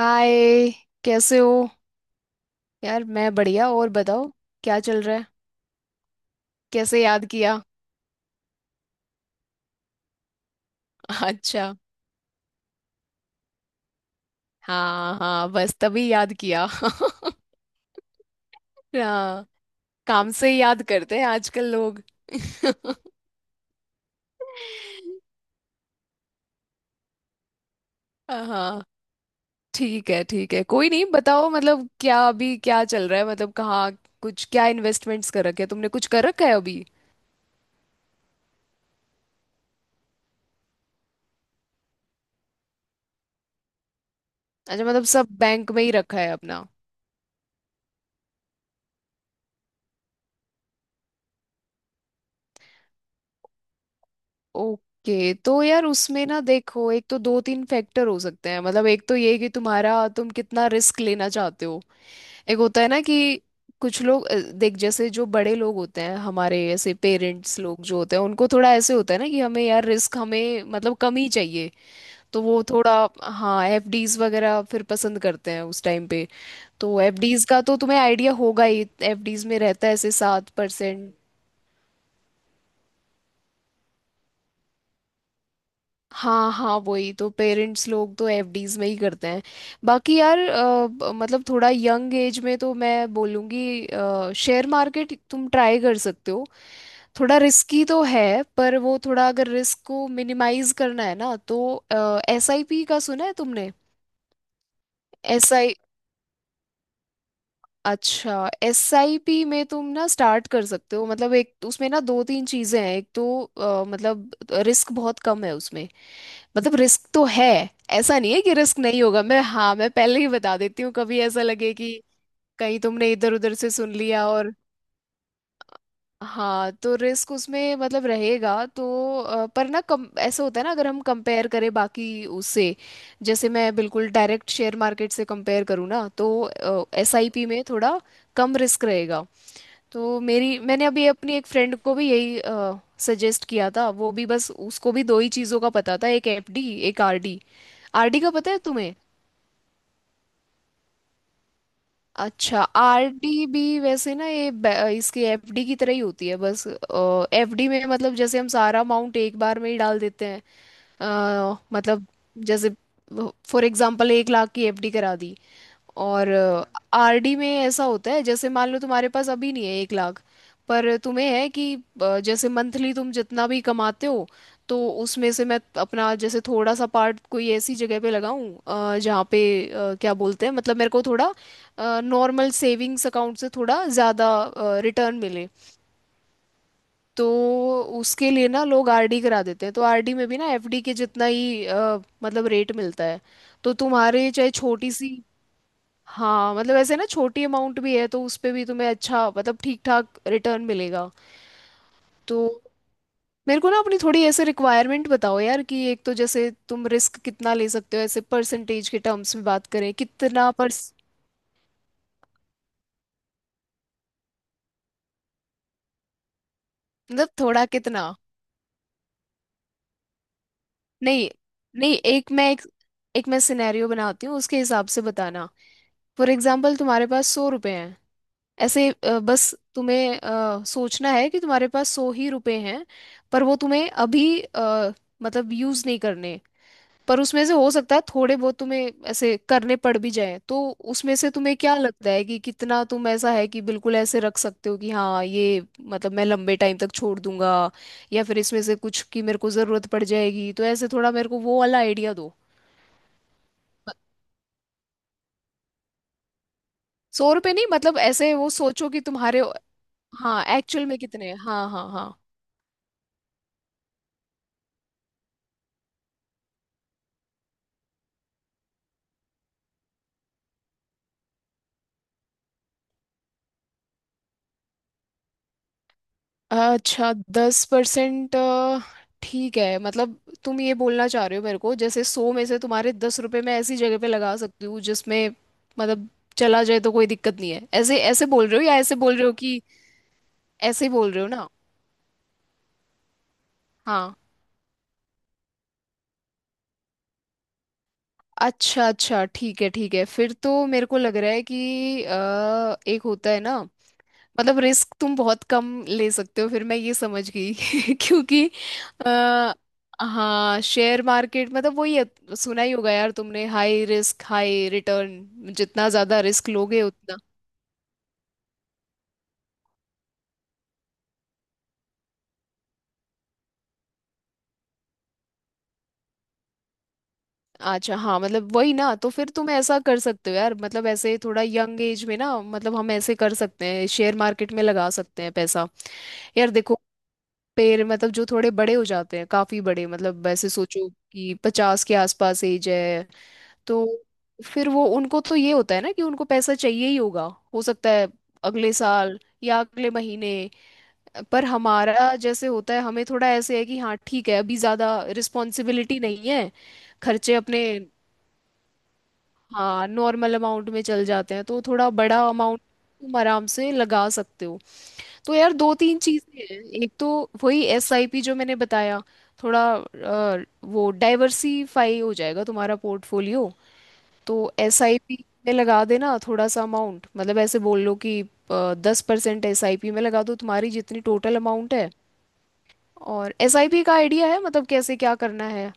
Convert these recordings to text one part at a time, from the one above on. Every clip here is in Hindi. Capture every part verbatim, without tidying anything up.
हाय। कैसे हो? यार, मैं बढ़िया, और बताओ क्या चल रहा है? कैसे याद किया? अच्छा, हाँ हाँ, बस तभी याद किया। हाँ, काम से ही याद करते हैं आजकल लोग। हाँ, ठीक है ठीक है, कोई नहीं, बताओ मतलब क्या अभी क्या चल रहा है, मतलब कहाँ कुछ क्या इन्वेस्टमेंट्स कर रखे हैं तुमने, कुछ कर रखा है अभी? अच्छा, मतलब सब बैंक में ही रखा है अपना। ओके, तो यार उसमें ना देखो, एक तो दो तीन फैक्टर हो सकते हैं, मतलब एक तो ये कि तुम्हारा तुम कितना रिस्क लेना चाहते हो। एक होता है ना कि कुछ लोग अ, देख, जैसे जो बड़े लोग होते हैं हमारे, ऐसे पेरेंट्स लोग जो होते हैं, उनको थोड़ा ऐसे होता है ना कि हमें यार रिस्क हमें मतलब कम ही चाहिए। तो वो थोड़ा हाँ एफडीज वगैरह फिर पसंद करते हैं उस टाइम पे। तो एफडीज का तो तुम्हें आइडिया होगा ही, एफडीज में रहता है ऐसे सात परसेंट। हाँ हाँ वही, तो पेरेंट्स लोग तो एफडीज में ही करते हैं। बाकी यार अ, ब- मतलब थोड़ा यंग एज में तो मैं बोलूँगी शेयर मार्केट तुम ट्राई कर सकते हो। थोड़ा रिस्की तो है, पर वो थोड़ा अगर रिस्क को मिनिमाइज करना है ना तो, एसआईपी का सुना है तुमने? एस आई अच्छा, एस आई पी में तुम ना स्टार्ट कर सकते हो। मतलब एक उसमें ना दो तीन चीज़ें हैं। एक तो अ, मतलब रिस्क बहुत कम है उसमें। मतलब रिस्क तो है, ऐसा नहीं है कि रिस्क नहीं होगा, मैं हाँ मैं पहले ही बता देती हूँ, कभी ऐसा लगे कि कहीं तुमने इधर उधर से सुन लिया और, हाँ तो रिस्क उसमें मतलब रहेगा तो अ, पर ना कम ऐसा होता है ना, अगर हम कंपेयर करें बाकी उससे, जैसे मैं बिल्कुल डायरेक्ट शेयर मार्केट से कंपेयर करूँ ना, तो एसआईपी में थोड़ा कम रिस्क रहेगा। तो मेरी मैंने अभी अपनी एक फ्रेंड को भी यही सजेस्ट किया था। वो भी बस उसको भी दो ही चीज़ों का पता था, एक एफडी एक आरडी। आरडी का पता है तुम्हें? अच्छा, आरडी भी वैसे ना ये बै- इसकी एफडी की तरह ही होती है, बस एफडी में मतलब जैसे हम सारा अमाउंट एक बार में ही डाल देते हैं। अ, मतलब जैसे फॉर एग्जांपल एक लाख की एफडी करा दी, और आरडी में ऐसा होता है जैसे मान लो तुम्हारे पास अभी नहीं है एक लाख, पर तुम्हें है कि अ, जैसे मंथली तुम जितना भी कमाते हो, तो उसमें से मैं अपना जैसे थोड़ा सा पार्ट कोई ऐसी जगह पे लगाऊं अ, जहाँ पे अ, क्या बोलते हैं, मतलब मेरे को थोड़ा नॉर्मल सेविंग्स अकाउंट से थोड़ा ज़्यादा रिटर्न मिले। तो उसके लिए ना लोग आरडी करा देते हैं। तो आरडी में भी ना एफडी के जितना ही अ, मतलब रेट मिलता है। तो तुम्हारे चाहे छोटी सी हाँ मतलब ऐसे ना छोटी अमाउंट भी है तो उस पे भी तुम्हें अच्छा मतलब ठीक ठाक रिटर्न मिलेगा। तो मेरे को ना अपनी थोड़ी ऐसे रिक्वायरमेंट बताओ यार, कि एक तो जैसे तुम रिस्क कितना ले सकते हो, ऐसे परसेंटेज के टर्म्स में बात करें कितना पर मतलब थोड़ा कितना? नहीं नहीं, एक मैं एक, एक मैं सिनेरियो बनाती हूँ, उसके हिसाब से बताना। फॉर एग्जाम्पल तुम्हारे पास सौ रुपए हैं, ऐसे अ, बस तुम्हें अ, सोचना है कि तुम्हारे पास सौ ही रुपए हैं, पर वो तुम्हें अभी अ, मतलब यूज नहीं करने, पर उसमें से हो सकता है थोड़े बहुत तुम्हें ऐसे करने पड़ भी जाए। तो उसमें से तुम्हें क्या लगता है कि कितना तुम ऐसा है कि बिल्कुल ऐसे रख सकते हो कि हाँ ये मतलब मैं लंबे टाइम तक छोड़ दूंगा, या फिर इसमें से कुछ की मेरे को जरूरत पड़ जाएगी, तो ऐसे थोड़ा मेरे को वो वाला आइडिया दो। सौ रुपये नहीं, मतलब ऐसे वो सोचो कि तुम्हारे हाँ एक्चुअल में कितने हैं, हाँ हाँ हाँ। अच्छा, दस परसेंट ठीक है, मतलब तुम ये बोलना चाह रहे हो मेरे को जैसे सौ में से तुम्हारे दस रुपए मैं ऐसी जगह पे लगा सकती हूँ जिसमें मतलब चला जाए तो कोई दिक्कत नहीं है, ऐसे ऐसे बोल रहे हो, या ऐसे बोल रहे हो कि ऐसे ही बोल रहे हो ना? हाँ, अच्छा अच्छा ठीक है ठीक है, फिर तो मेरे को लग रहा है कि अ, एक होता है ना, मतलब रिस्क तुम बहुत कम ले सकते हो, फिर मैं ये समझ गई। क्योंकि अ, हाँ शेयर मार्केट मतलब वही है, सुना ही होगा यार तुमने हाई रिस्क हाई रिटर्न, जितना ज्यादा रिस्क लोगे उतना। अच्छा हाँ मतलब वही ना, तो फिर तुम ऐसा कर सकते हो यार, मतलब ऐसे थोड़ा यंग एज में ना, मतलब हम ऐसे कर सकते हैं शेयर मार्केट में लगा सकते हैं पैसा। यार देखो, पेड़ मतलब जो थोड़े बड़े हो जाते हैं काफी बड़े, मतलब वैसे सोचो कि पचास के आसपास एज है, तो फिर वो उनको तो ये होता है ना कि उनको पैसा चाहिए ही होगा, हो सकता है अगले साल या अगले महीने। पर हमारा जैसे होता है, हमें थोड़ा ऐसे है कि हाँ ठीक है अभी ज़्यादा रिस्पॉन्सिबिलिटी नहीं है, खर्चे अपने हाँ नॉर्मल अमाउंट में चल जाते हैं, तो थोड़ा बड़ा अमाउंट तुम आराम से लगा सकते हो। तो यार दो तीन चीज़ें हैं। एक तो वही एसआईपी जो मैंने बताया, थोड़ा अ, वो डाइवर्सिफाई हो जाएगा तुम्हारा पोर्टफोलियो। तो एसआईपी में लगा देना थोड़ा सा अमाउंट, मतलब ऐसे बोल लो कि दस परसेंट एसआईपी में लगा दो, तुम्हारी जितनी टोटल अमाउंट है। और एसआईपी का आइडिया है मतलब कैसे क्या करना है?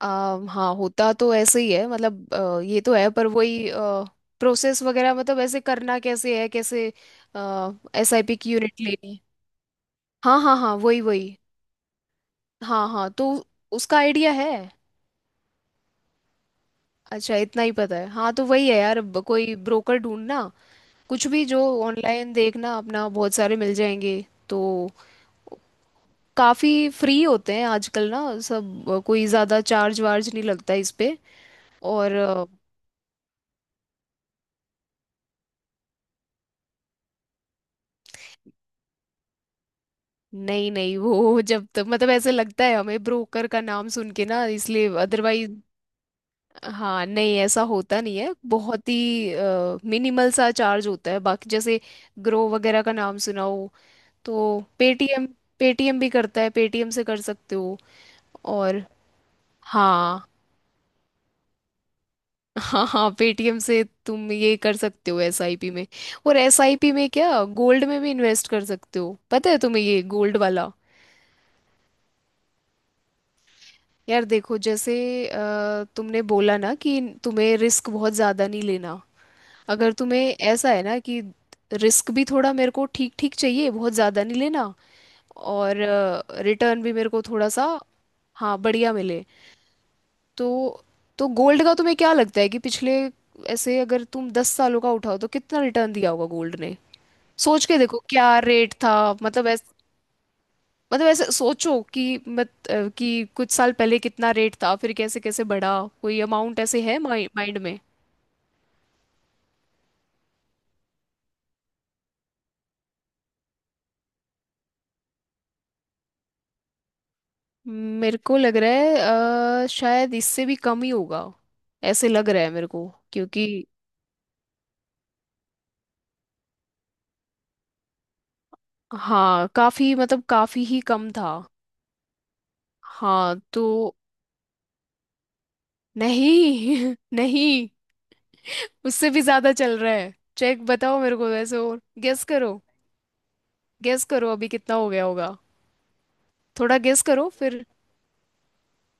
आ, हाँ होता तो ऐसे ही है, मतलब अ, ये तो है, पर वही प्रोसेस वगैरह मतलब ऐसे करना कैसे है, कैसे एसआईपी की यूनिट लेनी है। हाँ हाँ हाँ वही वही, हाँ हाँ, तो उसका आइडिया है। अच्छा, इतना ही पता है हाँ, तो वही है यार, अब कोई ब्रोकर ढूंढना, कुछ भी जो ऑनलाइन देखना अपना, बहुत सारे मिल जाएंगे। तो काफ़ी फ्री होते हैं आजकल ना सब, अ, कोई ज़्यादा चार्ज वार्ज नहीं लगता इस पे। और अ, नहीं नहीं, वो जब तक मतलब ऐसे लगता है हमें ब्रोकर का नाम सुन के ना, इसलिए, अदरवाइज हाँ नहीं ऐसा होता नहीं है, बहुत ही मिनिमल सा चार्ज होता है। बाकी जैसे ग्रो वगैरह का नाम सुना हो, तो पेटीएम, पेटीएम भी करता है, पेटीएम से कर सकते हो। और हाँ हाँ हाँ पेटीएम से तुम ये कर सकते हो एसआईपी में। और एसआईपी में क्या गोल्ड में भी इन्वेस्ट कर सकते हो, पता है तुम्हें ये गोल्ड वाला? यार देखो जैसे अ, तुमने बोला ना कि तुम्हें रिस्क बहुत ज़्यादा नहीं लेना, अगर तुम्हें ऐसा है ना कि रिस्क भी थोड़ा मेरे को ठीक ठीक चाहिए, बहुत ज़्यादा नहीं लेना, और रिटर्न भी मेरे को थोड़ा सा हाँ बढ़िया मिले। तो तो गोल्ड का तुम्हें क्या लगता है कि पिछले ऐसे अगर तुम दस सालों का उठाओ तो कितना रिटर्न दिया होगा गोल्ड? सोच के देखो क्या रेट था, मतलब ऐस मतलब ऐसे सोचो कि मत अ, कि कुछ साल पहले कितना रेट था, फिर कैसे कैसे बढ़ा, कोई अमाउंट ऐसे है माइ, माइंड में? मेरे को लग रहा है अ, शायद इससे भी कम ही होगा, ऐसे लग रहा है मेरे को। क्योंकि हाँ काफी मतलब काफी ही कम था। हाँ तो नहीं नहीं उससे भी ज्यादा चल रहा है, चेक बताओ मेरे को वैसे, और गेस करो, गेस करो अभी कितना हो गया होगा, थोड़ा गेस करो फिर।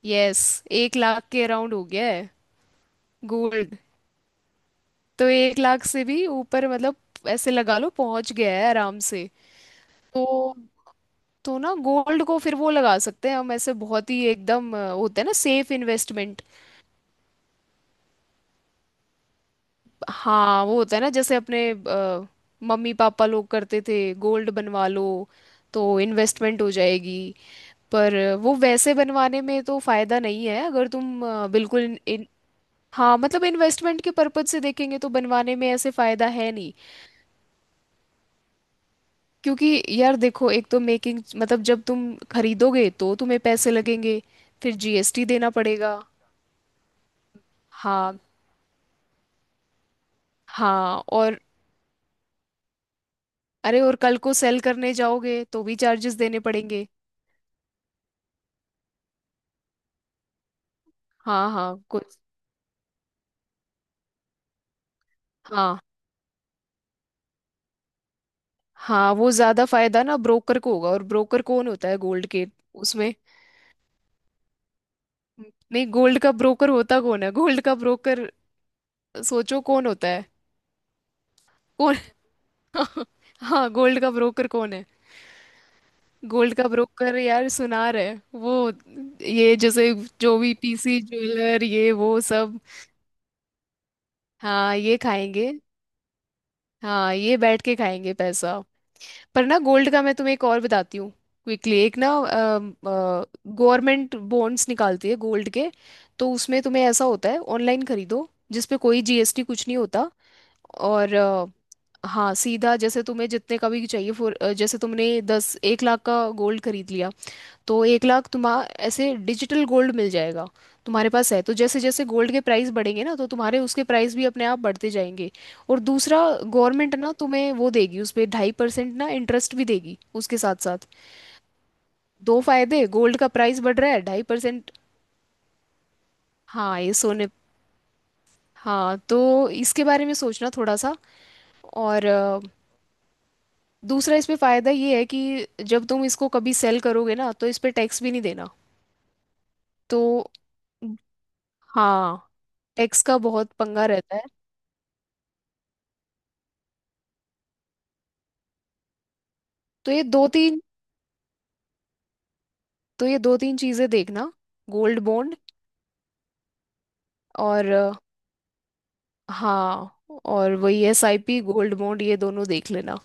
यस, एक लाख के अराउंड हो गया है गोल्ड, तो एक लाख से भी ऊपर मतलब, ऐसे लगा लो पहुंच गया है आराम से। तो तो ना गोल्ड को फिर वो लगा सकते हैं हम, ऐसे बहुत ही एकदम अ, होता है ना सेफ इन्वेस्टमेंट। हाँ वो होता है ना जैसे अपने अ, मम्मी पापा लोग करते थे, गोल्ड बनवा लो तो इन्वेस्टमेंट हो जाएगी। पर वो वैसे बनवाने में तो फायदा नहीं है, अगर तुम अ, बिल्कुल इन, इन, हाँ मतलब इन्वेस्टमेंट के पर्पज से देखेंगे तो बनवाने में ऐसे फायदा है नहीं। क्योंकि यार देखो, एक तो मेकिंग, मतलब जब तुम खरीदोगे तो तुम्हें पैसे लगेंगे, फिर जीएसटी देना पड़ेगा। हाँ हाँ, और अरे और कल को सेल करने जाओगे तो भी चार्जेस देने पड़ेंगे, हाँ हाँ कुछ। हाँ हाँ वो ज्यादा फायदा ना ब्रोकर को होगा, और ब्रोकर कौन होता है गोल्ड के उसमें? नहीं, गोल्ड का ब्रोकर होता कौन है, गोल्ड का ब्रोकर? सोचो कौन होता है, कौन? हाँ गोल्ड का ब्रोकर कौन है? गोल्ड का ब्रोकर यार सुनार है, वो, ये जैसे जो भी पीसी ज्वेलर, ये वो सब, हाँ ये खाएंगे, हाँ ये बैठ के खाएंगे पैसा। पर ना गोल्ड का मैं तुम्हें एक और बताती हूँ क्विकली, एक ना गवर्नमेंट बॉन्ड्स निकालती है गोल्ड के। तो उसमें तुम्हें ऐसा होता है ऑनलाइन खरीदो, जिस पे कोई जीएसटी कुछ नहीं होता। और अ, हाँ सीधा जैसे तुम्हें जितने का भी चाहिए, फॉर अ, जैसे तुमने दस एक लाख का गोल्ड खरीद लिया, तो एक लाख तुम्हारा ऐसे डिजिटल गोल्ड मिल जाएगा तुम्हारे पास है, तो जैसे जैसे गोल्ड के प्राइस बढ़ेंगे ना, तो तुम्हारे उसके प्राइस भी अपने आप बढ़ते जाएंगे। और दूसरा, गवर्नमेंट ना तुम्हें वो देगी उस पे ढाई परसेंट ना इंटरेस्ट भी देगी उसके साथ साथ। दो फायदे, गोल्ड का प्राइस बढ़ रहा है, ढाई परसेंट। हाँ ये सोने, हाँ तो इसके बारे में सोचना थोड़ा सा। और अ, दूसरा इस पे फायदा ये है कि जब तुम इसको कभी सेल करोगे ना, तो इस पे टैक्स भी नहीं देना। तो हाँ टैक्स का बहुत पंगा रहता है। तो ये दो तीन, तो ये दो तीन चीजें देखना, गोल्ड बॉन्ड और अ, हाँ और वही S I P, gold bond, ये दोनों देख लेना।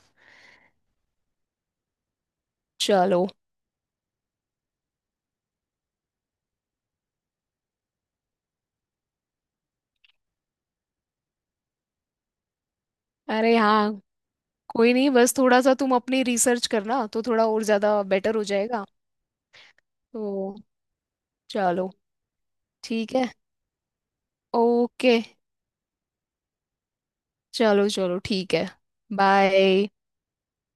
चलो, अरे हाँ कोई नहीं, बस थोड़ा सा तुम अपनी रिसर्च करना तो थोड़ा और ज्यादा बेटर हो जाएगा। तो चलो ठीक है। ओके, चलो चलो ठीक है। बाय।